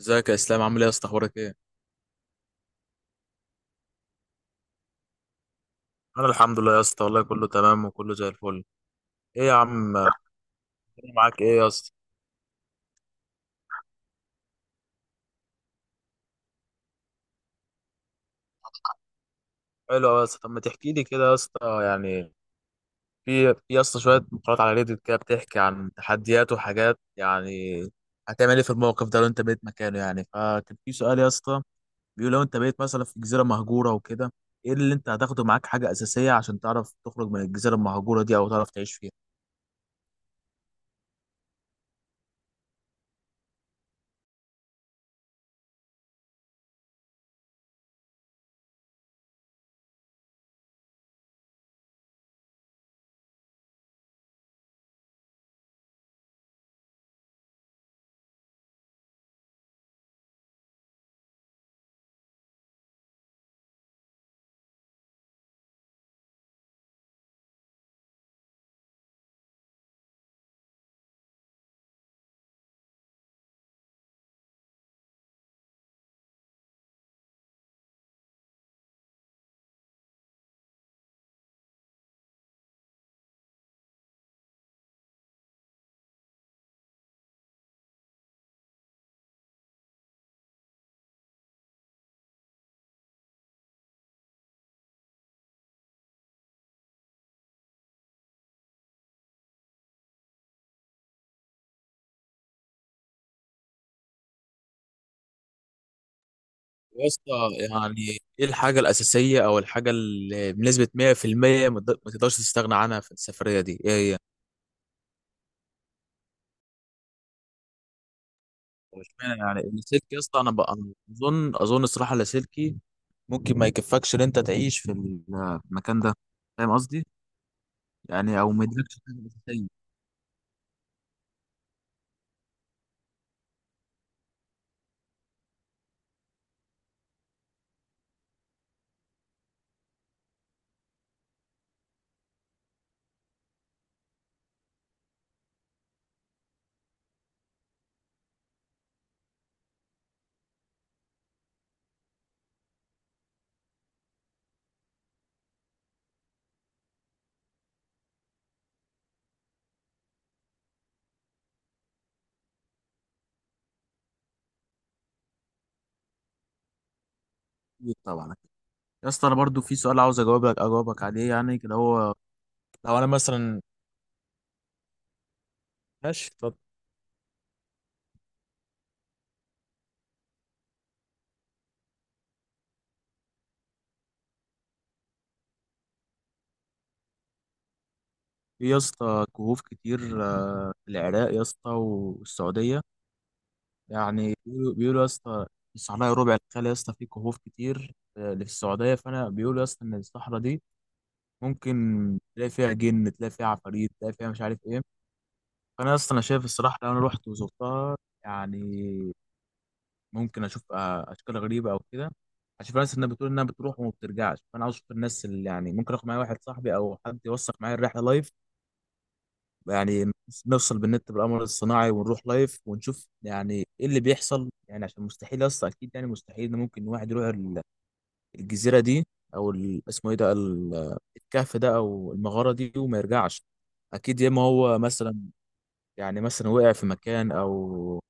ازيك يا اسلام؟ عامل ايه يا اسطى؟ اخبارك ايه؟ انا الحمد لله يا اسطى والله كله تمام وكله زي الفل. ايه يا عم؟ أنا معاك، ايه يا اسطى؟ حلو أوي يا اسطى. طب ما تحكي لي كده يا اسطى، يعني في يا اسطى شويه مقالات على ريديت كده بتحكي عن تحديات وحاجات، يعني هتعمل ايه في الموقف ده لو انت بقيت مكانه؟ يعني فكان في سؤال يا اسطى بيقول: لو انت بقيت مثلا في جزيره مهجوره وكده، ايه اللي انت هتاخده معاك حاجه اساسيه عشان تعرف تخرج من الجزيره المهجوره دي او تعرف تعيش فيها؟ يا اسطى، يعني ايه الحاجة الأساسية أو الحاجة اللي بنسبة 100% ما تقدرش تستغنى عنها في السفرية دي؟ إيه هي؟ واشمعنى يعني اللاسلكي يا اسطى؟ أنا بقى أنا أظن الصراحة اللاسلكي ممكن ما يكفكش إن أنت تعيش في المكان ده. فاهم قصدي؟ يعني أو ما يدركش حاجة أساسية. أكيد طبعا. يا اسطى أنا برضو في سؤال عاوز أجاوبك عليه يعني كده. هو لو أنا مثلا، ماشي اتفضل. في يا اسطى كهوف كتير في العراق يا اسطى والسعودية. يعني بيقولوا يا اسطى الصحراء ربع الخالي يا اسطى فيه كهوف كتير اللي في السعودية، فأنا بيقولوا يا اسطى إن الصحراء دي ممكن تلاقي فيها جن، تلاقي فيها عفاريت، تلاقي فيها مش عارف إيه. فأنا يا اسطى أنا شايف الصراحة لو أنا رحت وزرتها، يعني ممكن أشوف أشكال غريبة أو كده، هشوف ناس إنها بتقول إنها بتروح وما بترجعش. فأنا عاوز أشوف الناس اللي يعني ممكن آخد معايا واحد صاحبي أو حد يوثق معايا الرحلة لايف، يعني نفصل بالنت بالقمر الصناعي ونروح لايف ونشوف يعني ايه اللي بيحصل. يعني عشان مستحيل اصلا، اكيد يعني مستحيل ان ممكن واحد يروح الجزيره دي او اسمه ايه ده الكهف ده او المغاره دي وما يرجعش. اكيد يا اما هو مثلا، يعني مثلا وقع في مكان او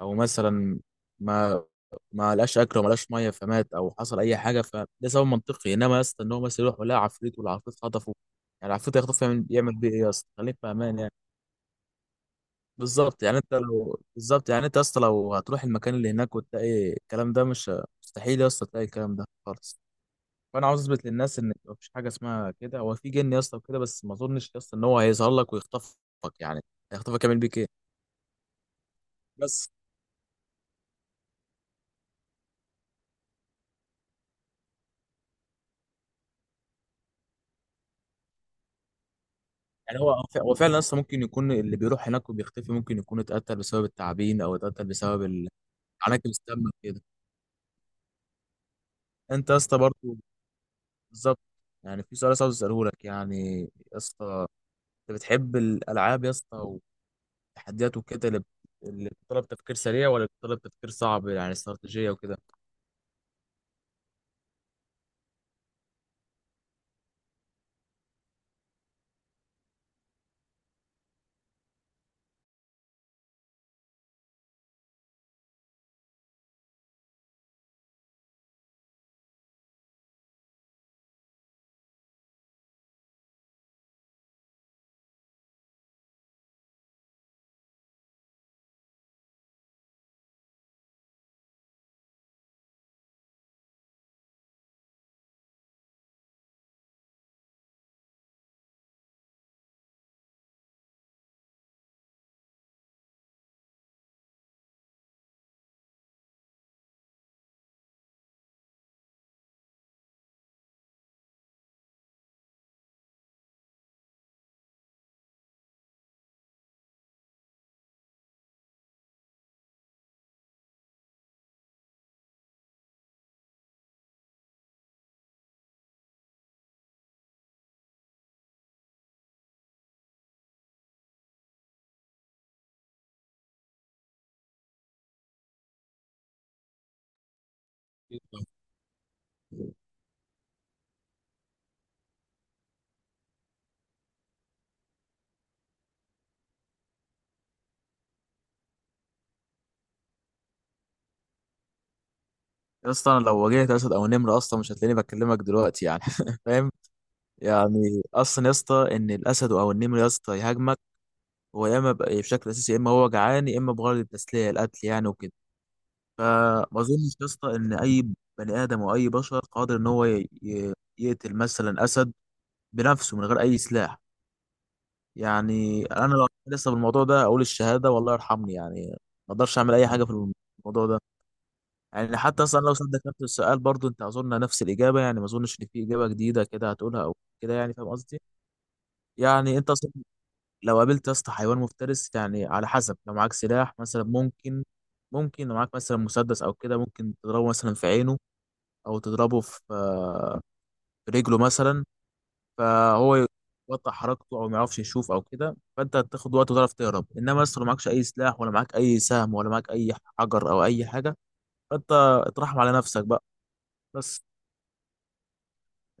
مثلا ما ما لقاش اكل وما لقاش ميه فمات او حصل اي حاجه، فده سبب منطقي. انما يا اسطى ان هو مثلا يروح ولا عفريت والعفريت خطفه، يعني العفريت هيخطف يعمل بيه ايه يا اسطى؟ خليك في امان يعني. بالظبط. يعني انت لو بالظبط، يعني انت يا اسطى لو هتروح المكان اللي هناك وتلاقي الكلام ده مش مستحيل يا اسطى، تلاقي الكلام ده خالص. فانا عاوز اثبت للناس ان مفيش حاجه اسمها كده. هو في جن يا اسطى وكده، بس ما اظنش يا اسطى ان هو هيظهر لك ويخطفك. يعني هيخطفك يعمل بيك ايه؟ بس. يعني هو فعلا يا اسطى ممكن يكون اللي بيروح هناك وبيختفي ممكن يكون اتقتل بسبب التعابين او اتقتل بسبب عناكب السم كده. انت يا اسطى برضه، بالظبط. يعني في سؤال بس عاوز اساله لك يعني. يا اسطى انت بتحب الالعاب يا اسطى، التحديات وكده، اللي بتطلب تفكير سريع ولا بتطلب تفكير صعب يعني استراتيجية وكده؟ يا اسطى انا لو واجهت اسد او نمر اصلا مش هتلاقيني بكلمك دلوقتي يعني فاهم؟ يعني اصلا يا اسطى ان الاسد او النمر يا اسطى يهاجمك، هو يا اما بشكل اساسي يا اما هو جعان يا اما بغرض التسليه القتل يعني وكده. فما اظنش يا اسطى ان اي بني ادم او اي بشر قادر ان هو يقتل مثلا اسد بنفسه من غير اي سلاح. يعني انا لو لسه بالموضوع ده اقول الشهاده والله يرحمني يعني. ما اقدرش اعمل اي حاجه في الموضوع ده. يعني حتى اصلا لو سالتك نفس السؤال برضو انت اظن نفس الاجابه، يعني ما اظنش ان في اجابه جديده كده هتقولها او كده. يعني فاهم قصدي؟ يعني انت اصلا لو قابلت يا اسطى حيوان مفترس يعني على حسب، لو معاك سلاح مثلا ممكن، لو معاك مثلا مسدس او كده ممكن تضربه مثلا في عينه او تضربه في في رجله مثلا. فهو يقطع حركته او ما يعرفش يشوف او كده، فانت هتاخد وقت وتعرف تهرب. انما لسه لو معكش اي سلاح ولا معاك اي سهم ولا معاك اي حجر او اي حاجه، فانت اترحم على نفسك بقى بس.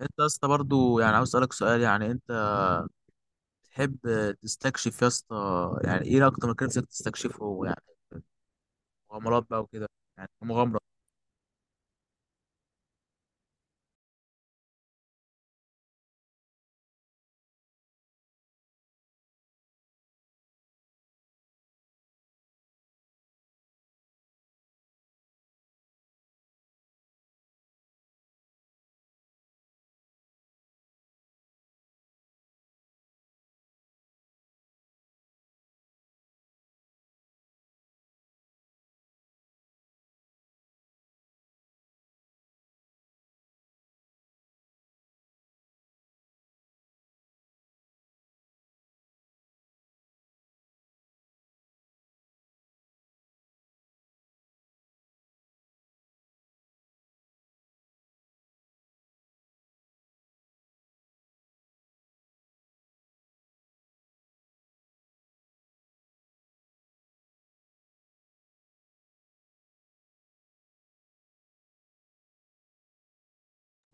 انت يا اسطى برضه، يعني عاوز اسالك سؤال، يعني انت تحب تستكشف يا اسطى؟ يعني ايه اكتر مكان نفسك تستكشفه؟ يعني مغامرات بقى وكده، يعني مغامره.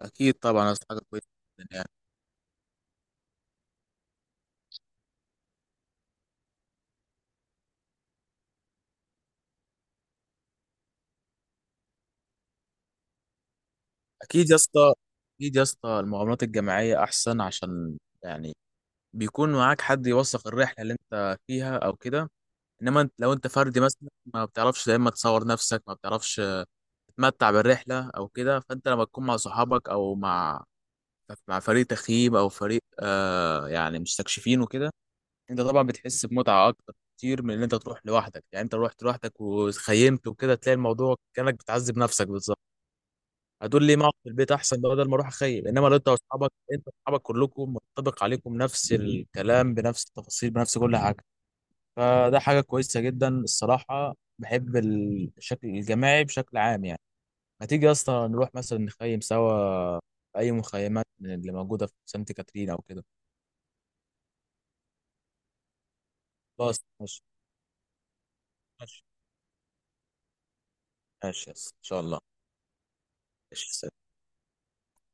اكيد طبعا يا اسطى حاجه كويسه جدا يعني. اكيد يا اسطى اكيد يا اسطى المغامرات الجماعيه احسن، عشان يعني بيكون معاك حد يوثق الرحله اللي انت فيها او كده. انما لو انت فردي مثلا، ما بتعرفش يا اما تصور نفسك، ما بتعرفش تتمتع بالرحله او كده. فانت لما تكون مع صحابك او مع فريق تخييم او فريق آه يعني مستكشفين وكده، انت طبعا بتحس بمتعه اكتر كتير من ان انت تروح لوحدك. يعني انت رحت لوحدك وخيمت وكده تلاقي الموضوع كانك بتعذب نفسك بالظبط. هتقول لي ما اقعد في البيت احسن بدل ما اروح اخيم. انما لو انت واصحابك، كلكم منطبق عليكم نفس الكلام بنفس التفاصيل بنفس كل حاجه، فده حاجة كويسة جدا. الصراحة بحب الشكل الجماعي بشكل عام يعني. ما تيجي يا اسطى نروح مثلا نخيم سوا في أي مخيمات من اللي موجودة في سانت كاترين أو كده؟ خلاص، ماشي. ماشي، ماشي يا اسطى إن شاء الله. ماشي، سلام.